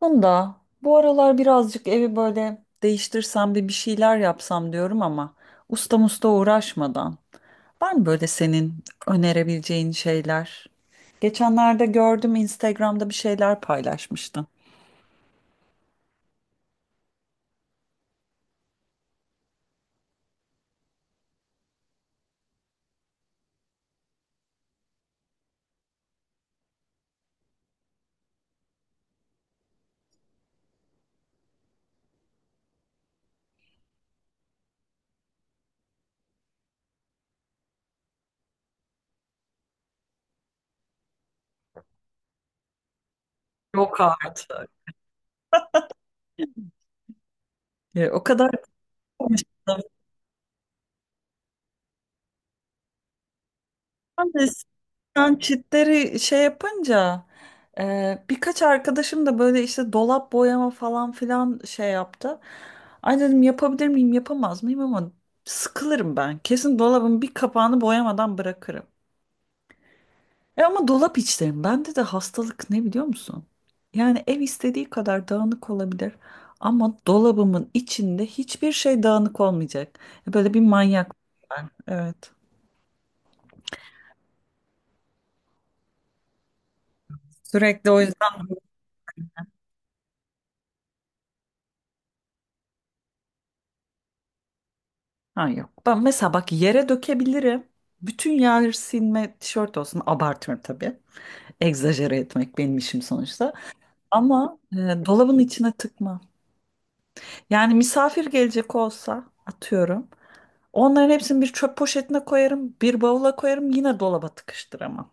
Bunda bu aralar birazcık evi böyle değiştirsem de bir şeyler yapsam diyorum ama usta musta uğraşmadan. Var mı böyle senin önerebileceğin şeyler? Geçenlerde gördüm Instagram'da bir şeyler paylaşmıştın. Yok artık. O kadar konuştum. Ben çitleri şey yapınca birkaç arkadaşım da böyle işte dolap boyama falan filan şey yaptı. Ay dedim yapabilir miyim yapamaz mıyım ama sıkılırım ben. Kesin dolabın bir kapağını boyamadan bırakırım. E ama dolap içlerim. Bende de hastalık ne biliyor musun? Yani ev istediği kadar dağınık olabilir ama dolabımın içinde hiçbir şey dağınık olmayacak. Böyle bir manyak ben. Evet. Sürekli o yüzden. Ha yok. Ben mesela bak yere dökebilirim. Bütün yer silme tişört olsun. Abartıyorum tabii. Egzajere etmek benim işim sonuçta. Ama dolabın içine tıkma. Yani misafir gelecek olsa atıyorum. Onların hepsini bir çöp poşetine koyarım. Bir bavula koyarım. Yine dolaba tıkıştıramam.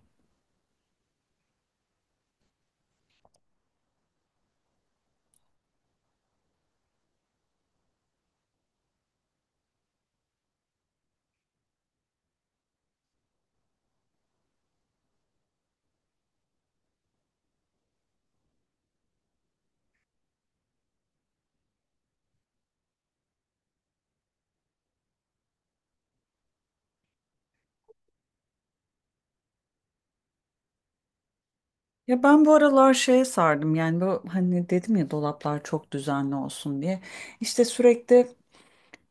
Ya ben bu aralar şeye sardım. Yani bu hani dedim ya dolaplar çok düzenli olsun diye. İşte sürekli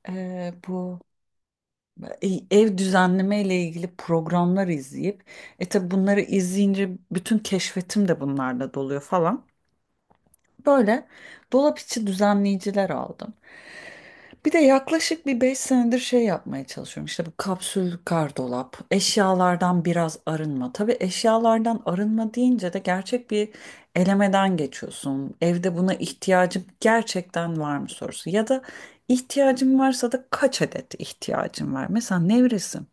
e, bu ev düzenleme ile ilgili programlar izleyip tabi bunları izleyince bütün keşfetim de bunlarla doluyor falan. Böyle dolap içi düzenleyiciler aldım. Bir de yaklaşık bir 5 senedir şey yapmaya çalışıyorum. İşte bu kapsül gardırop, eşyalardan biraz arınma. Tabii eşyalardan arınma deyince de gerçek bir elemeden geçiyorsun. Evde buna ihtiyacım gerçekten var mı sorusu. Ya da ihtiyacım varsa da kaç adet ihtiyacım var? Mesela nevresim.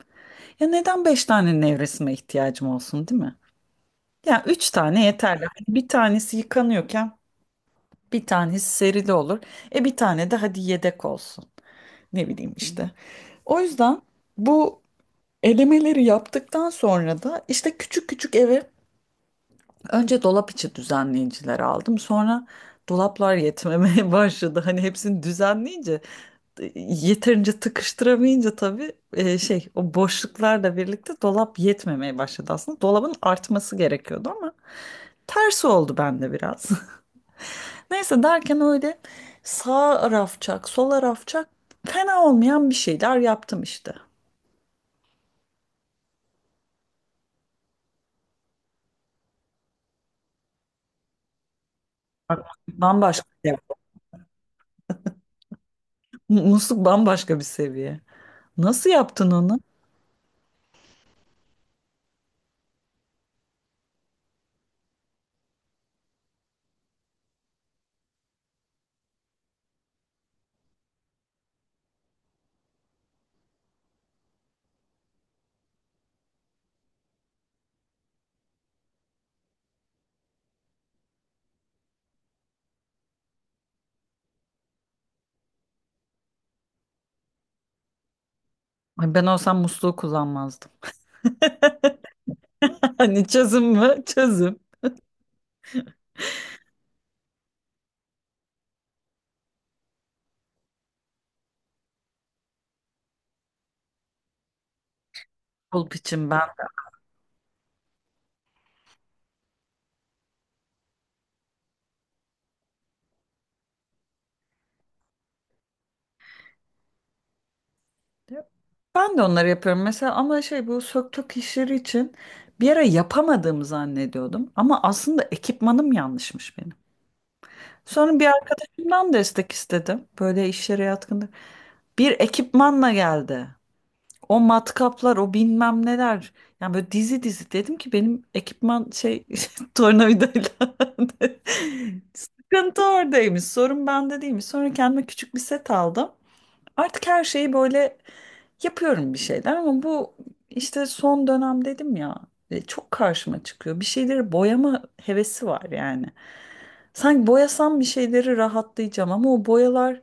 Ya neden beş tane nevresime ihtiyacım olsun, değil mi? Ya üç tane yeterli. Hani bir tanesi yıkanıyorken bir tanesi serili olur. E bir tane de hadi yedek olsun. Ne bileyim işte. O yüzden bu elemeleri yaptıktan sonra da işte küçük küçük eve önce dolap içi düzenleyiciler aldım. Sonra dolaplar yetmemeye başladı. Hani hepsini düzenleyince yeterince tıkıştıramayınca tabii şey o boşluklarla birlikte dolap yetmemeye başladı aslında. Dolabın artması gerekiyordu ama tersi oldu bende biraz. Neyse derken öyle sağ rafçak, sola rafçak fena olmayan bir şeyler yaptım işte. Bak, bambaşka ya. Musluk bambaşka bir seviye. Nasıl yaptın onu? Ay, ben olsam musluğu kullanmazdım. Hani çözüm mü? Çözüm. Pulp için ben. Ben de onları yapıyorum mesela ama şey bu söktük işleri için bir ara yapamadığımı zannediyordum ama aslında ekipmanım yanlışmış benim. Sonra bir arkadaşımdan destek istedim. Böyle işlere yatkındır. Bir ekipmanla geldi. O matkaplar, o bilmem neler. Yani böyle dizi dizi dedim ki benim ekipman şey tornavidayla. Sıkıntı oradaymış. Sorun bende değilmiş. Sonra kendime küçük bir set aldım. Artık her şeyi böyle yapıyorum bir şeyler ama bu işte son dönem dedim ya, çok karşıma çıkıyor. Bir şeyleri boyama hevesi var yani. Sanki boyasam bir şeyleri rahatlayacağım ama o boyalar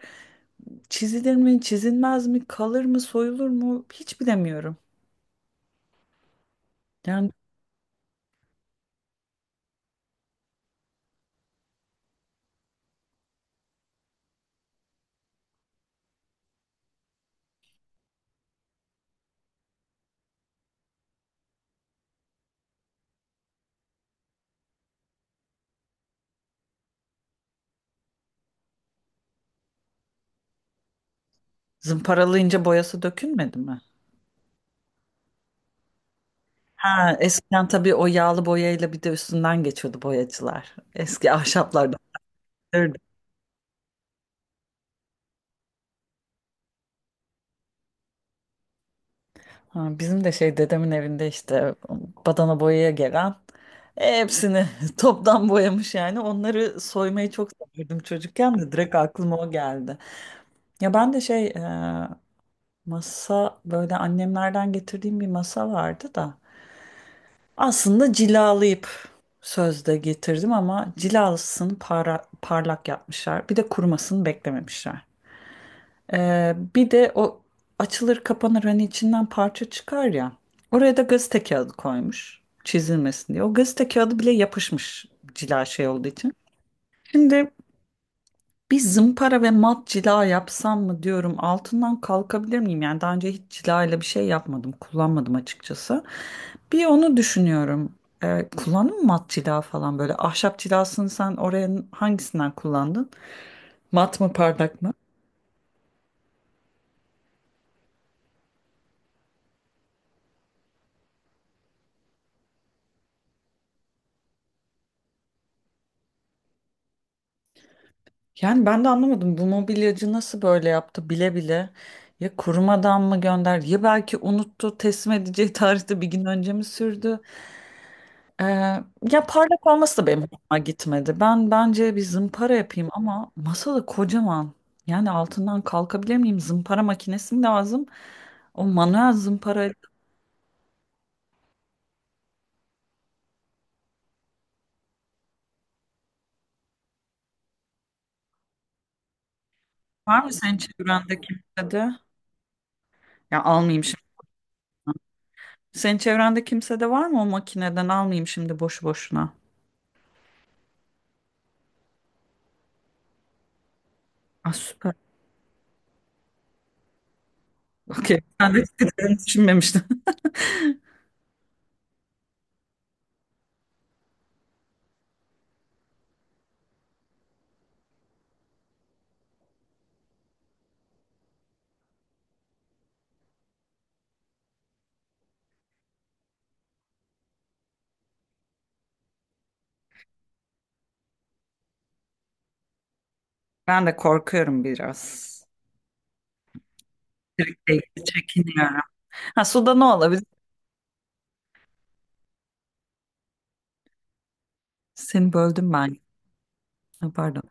çizilir mi, çizilmez mi, kalır mı, soyulur mu hiç bilemiyorum. Yani zımparalayınca boyası dökülmedi mi? Ha, eskiden tabii o yağlı boyayla bir de üstünden geçiyordu boyacılar. Eski ahşaplardan. Ha, bizim de şey dedemin evinde işte badana boyaya gelen hepsini toptan boyamış yani. Onları soymayı çok severdim çocukken de direkt aklıma o geldi. Ya ben de şey masa böyle annemlerden getirdiğim bir masa vardı da aslında cilalayıp sözde getirdim ama cilasını parlak yapmışlar. Bir de kurumasını beklememişler. Bir de o açılır kapanır hani içinden parça çıkar ya. Oraya da gazete kağıdı koymuş çizilmesin diye. O gazete kağıdı bile yapışmış cila şey olduğu için. Şimdi bir zımpara ve mat cila yapsam mı diyorum, altından kalkabilir miyim? Yani daha önce hiç cila ile bir şey yapmadım, kullanmadım açıkçası. Bir onu düşünüyorum. Kullandın mı mat cila falan, böyle ahşap cilasını sen oraya hangisinden kullandın? Mat mı, parlak mı? Yani ben de anlamadım bu mobilyacı nasıl böyle yaptı bile bile, ya kurumadan mı gönderdi, ya belki unuttu teslim edeceği tarihte bir gün önce mi sürdü? Ee, Ya parlak olması da benim hoşuma gitmedi. Ben bence bir zımpara yapayım ama masada kocaman, yani altından kalkabilir miyim? Zımpara makinesi mi lazım? O manuel zımpara var mı senin çevrende kimsede? Ya almayayım şimdi. Senin çevrende kimsede var mı o makineden, almayayım şimdi boşu boşuna. Ah, süper. Okey. Ben de çıkacağını düşünmemiştim. Ben de korkuyorum biraz. Elektrikle ilgili çekiniyorum. Ha suda ne olabilir? Seni böldüm ben. Ha, pardon.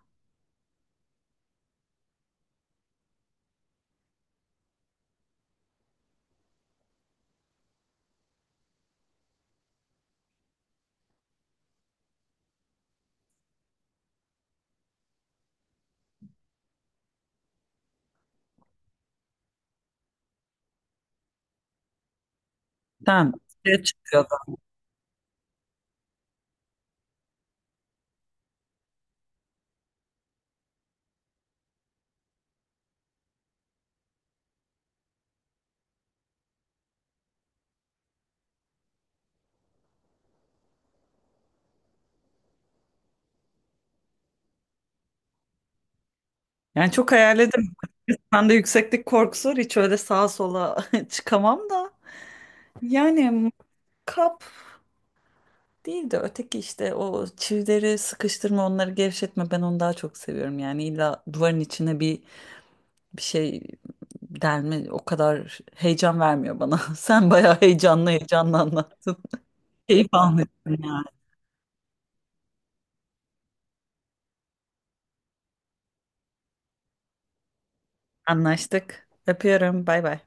Tamam. Suya çıkıyordu. Yani çok hayalledim. Ben de yükseklik korkusu var. Hiç öyle sağa sola çıkamam da. Yani kap değil de öteki işte o çivileri sıkıştırma, onları gevşetme, ben onu daha çok seviyorum. Yani illa duvarın içine bir bir şey delme o kadar heyecan vermiyor bana. Sen bayağı heyecanlı heyecanlı anlattın. Keyif almıyorum yani. Anlaştık. Öpüyorum. Bay bay.